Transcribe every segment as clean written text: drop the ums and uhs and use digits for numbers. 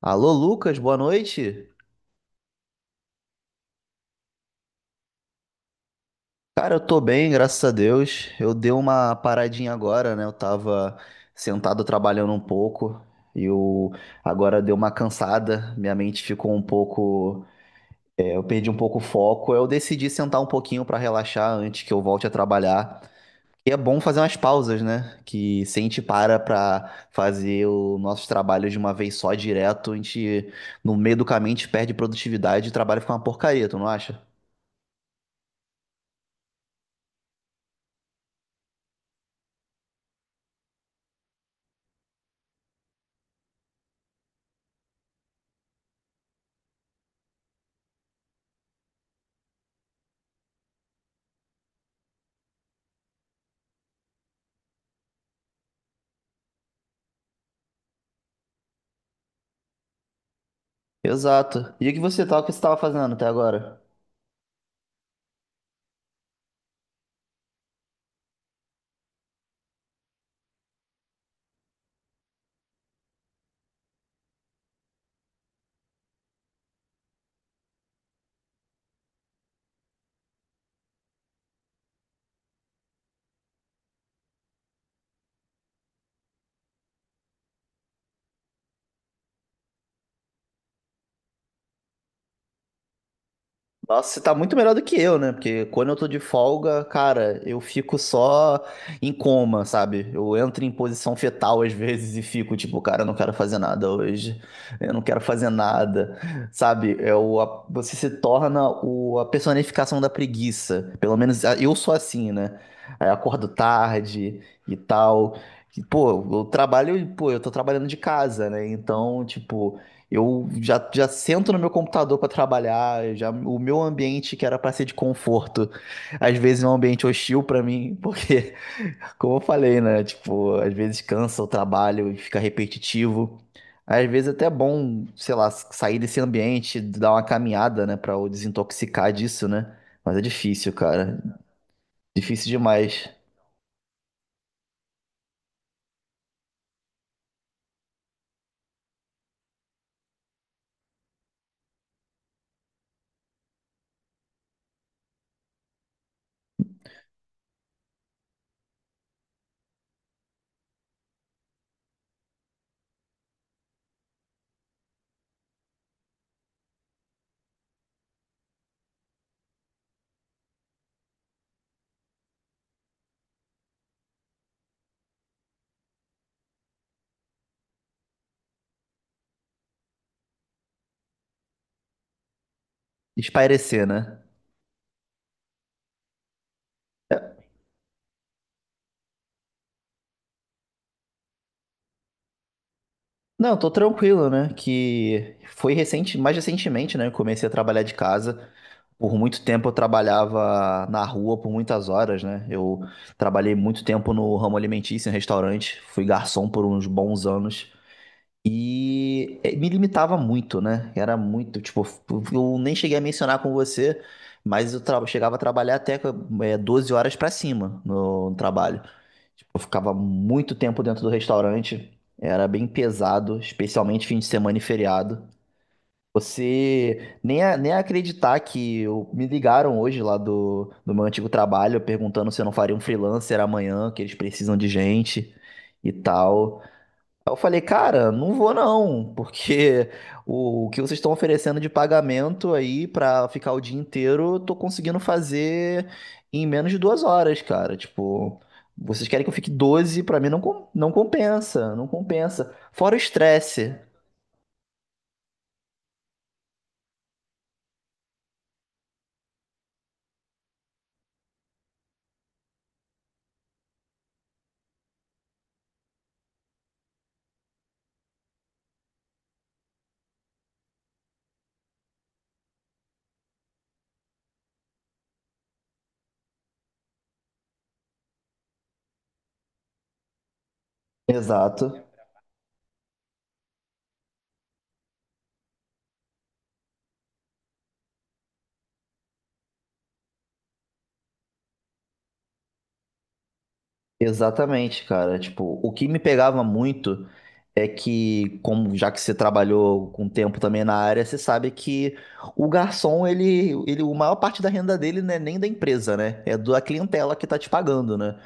Alô, Lucas, boa noite. Cara, eu tô bem, graças a Deus. Eu dei uma paradinha agora, né? Eu tava sentado trabalhando um pouco e eu agora deu uma cansada. Minha mente ficou um pouco, eu perdi um pouco o foco. Eu decidi sentar um pouquinho pra relaxar antes que eu volte a trabalhar. E é bom fazer umas pausas, né? Que se a gente para pra fazer os nossos trabalhos de uma vez só direto, a gente no meio do caminho a gente perde produtividade e o trabalho fica uma porcaria, tu não acha? Exato. E o que você tá, o que você tava fazendo até agora? Nossa, você tá muito melhor do que eu, né? Porque quando eu tô de folga, cara, eu fico só em coma, sabe? Eu entro em posição fetal às vezes e fico tipo, cara, eu não quero fazer nada hoje. Eu não quero fazer nada, sabe? É o, a- você se torna o, a personificação da preguiça. Pelo menos eu sou assim, né? Aí eu acordo tarde e tal. E, pô, eu trabalho, pô, eu tô trabalhando de casa, né? Então, tipo. Eu já, já sento no meu computador para trabalhar, já o meu ambiente que era para ser de conforto, às vezes é um ambiente hostil para mim, porque, como eu falei, né? Tipo, às vezes cansa o trabalho e fica repetitivo. Às vezes é até bom, sei lá, sair desse ambiente, dar uma caminhada, né, para desintoxicar disso, né? Mas é difícil, cara. Difícil demais. Espairecer, né? Não, tô tranquilo, né? Que foi recente, mais recentemente, né? Eu comecei a trabalhar de casa. Por muito tempo eu trabalhava na rua por muitas horas, né? Eu trabalhei muito tempo no ramo alimentício, em restaurante, fui garçom por uns bons anos e me limitava muito, né? Era muito, tipo, eu nem cheguei a mencionar com você, mas chegava a trabalhar até 12 horas pra cima no trabalho. Tipo, eu ficava muito tempo dentro do restaurante, era bem pesado, especialmente fim de semana e feriado. Você nem, nem acreditar que me ligaram hoje lá do, do meu antigo trabalho perguntando se eu não faria um freelancer amanhã, que eles precisam de gente e tal. Aí eu falei, cara, não vou não, porque o que vocês estão oferecendo de pagamento aí pra ficar o dia inteiro, eu tô conseguindo fazer em menos de 2 horas, cara. Tipo, vocês querem que eu fique 12? Pra mim não, não compensa, não compensa. Fora o estresse. Exato. Exatamente, cara. Tipo, o que me pegava muito é que, como já que você trabalhou com tempo também na área, você sabe que o garçom, ele, a maior parte da renda dele não é nem da empresa, né? É da clientela que tá te pagando, né?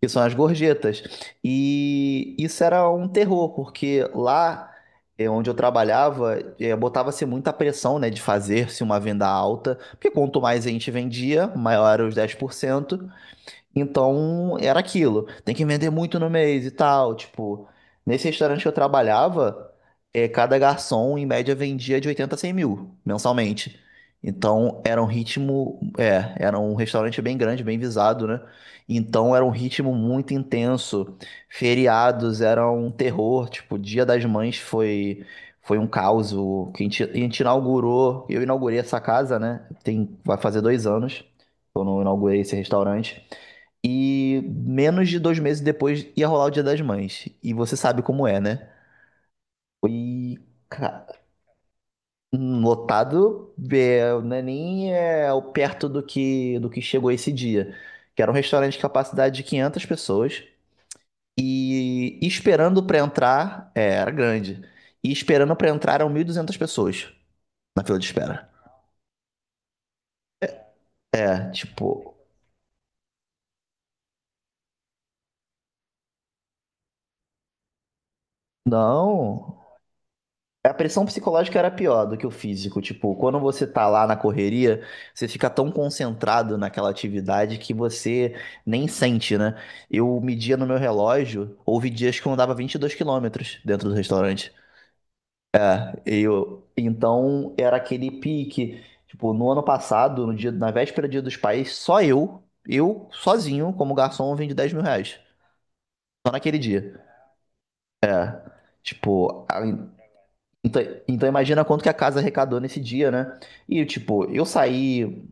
Que são as gorjetas. E isso era um terror, porque lá é, onde eu trabalhava, é, botava-se muita pressão, né, de fazer-se uma venda alta, porque quanto mais a gente vendia, maior era os 10%. Então, era aquilo. Tem que vender muito no mês e tal. Tipo, nesse restaurante que eu trabalhava, cada garçom, em média, vendia de 80 a 100 mil mensalmente. Então, era um ritmo. É, era um restaurante bem grande, bem visado, né? Então, era um ritmo muito intenso. Feriados era um terror. Tipo, Dia das Mães foi. Foi um caos. O- que A gente inaugurou. Eu inaugurei essa casa, né? Tem, vai fazer 2 anos. Que Eu não inaugurei esse restaurante. E menos de 2 meses depois ia rolar o Dia das Mães. E você sabe como é, né? Foi ca- lotado, é, não é nem é, perto do que chegou esse dia. Que era um restaurante de capacidade de 500 pessoas. E esperando pra entrar, é, era grande. E esperando pra entrar eram 1.200 pessoas na fila de espera. É, tipo, não. A pressão psicológica era pior do que o físico. Tipo, quando você tá lá na correria, você fica tão concentrado naquela atividade que você nem sente, né? Eu media no meu relógio, houve dias que eu andava 22 quilômetros dentro do restaurante. Eu, então, era aquele pique. Tipo, no ano passado, no dia, na véspera do Dia dos Pais, só eu sozinho, como garçom, vendi 10 mil reais. Só naquele dia. É. Tipo, Então, então imagina quanto que a casa arrecadou nesse dia, né? E tipo, eu saí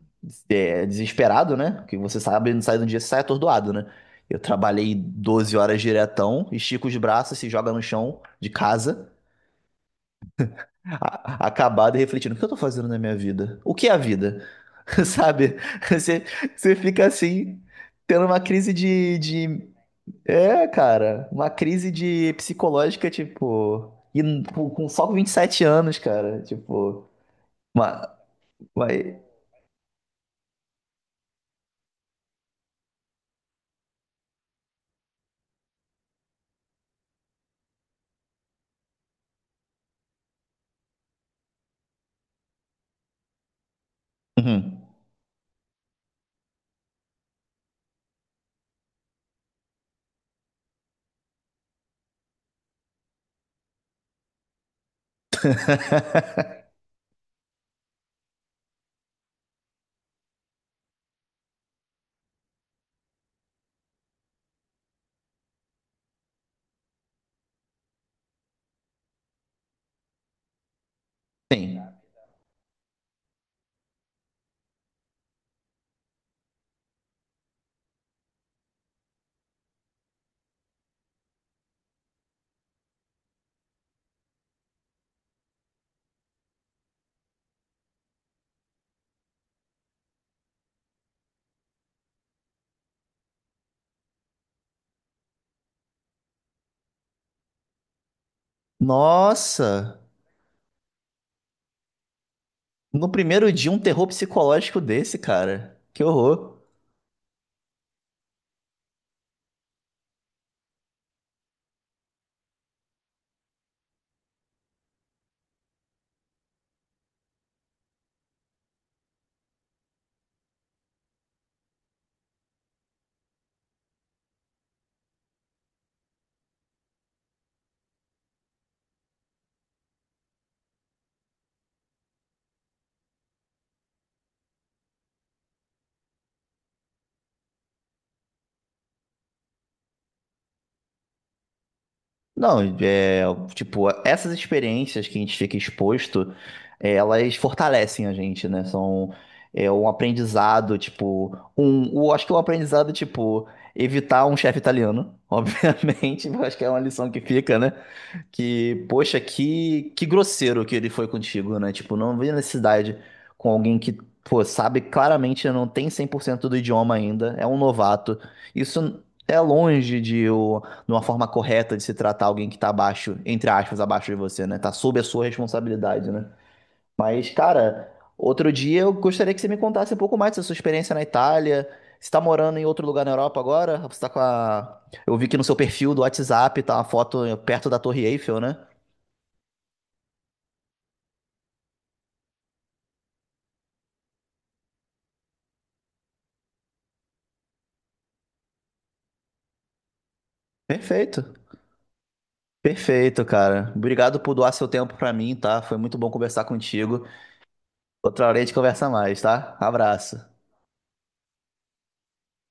desesperado, né? Porque você sabe, não sai de um dia, você sai atordoado, né? Eu trabalhei 12 horas diretão, estica os braços, se joga no chão de casa, acabado e refletindo, o que eu tô fazendo na minha vida? O que é a vida? Sabe? Você, você fica assim, tendo uma crise de... É, cara, uma crise de psicológica, tipo... E com só 27 anos, cara, tipo... Mas, vai. Uhum. Sim. Nossa! No primeiro dia, um terror psicológico desse, cara. Que horror. Não, é, tipo, essas experiências que a gente fica exposto, elas fortalecem a gente, né? São um aprendizado, tipo, um, o, acho que é um aprendizado, tipo, evitar um chefe italiano, obviamente, eu acho que é uma lição que fica, né? Que, poxa, que grosseiro que ele foi contigo, né? Tipo, não vi necessidade com alguém que, pô, sabe claramente não tem 100% do idioma ainda, é um novato. Isso é longe de, de uma forma correta de se tratar alguém que tá abaixo, entre aspas, abaixo de você, né? Tá sob a sua responsabilidade, né? Mas, cara, outro dia eu gostaria que você me contasse um pouco mais da sua experiência na Itália. Você tá morando em outro lugar na Europa agora? Você tá com a... Eu vi que no seu perfil do WhatsApp tá uma foto perto da Torre Eiffel, né? Perfeito. Perfeito, cara. Obrigado por doar seu tempo pra mim, tá? Foi muito bom conversar contigo. Outra hora a gente conversa mais, tá? Abraço.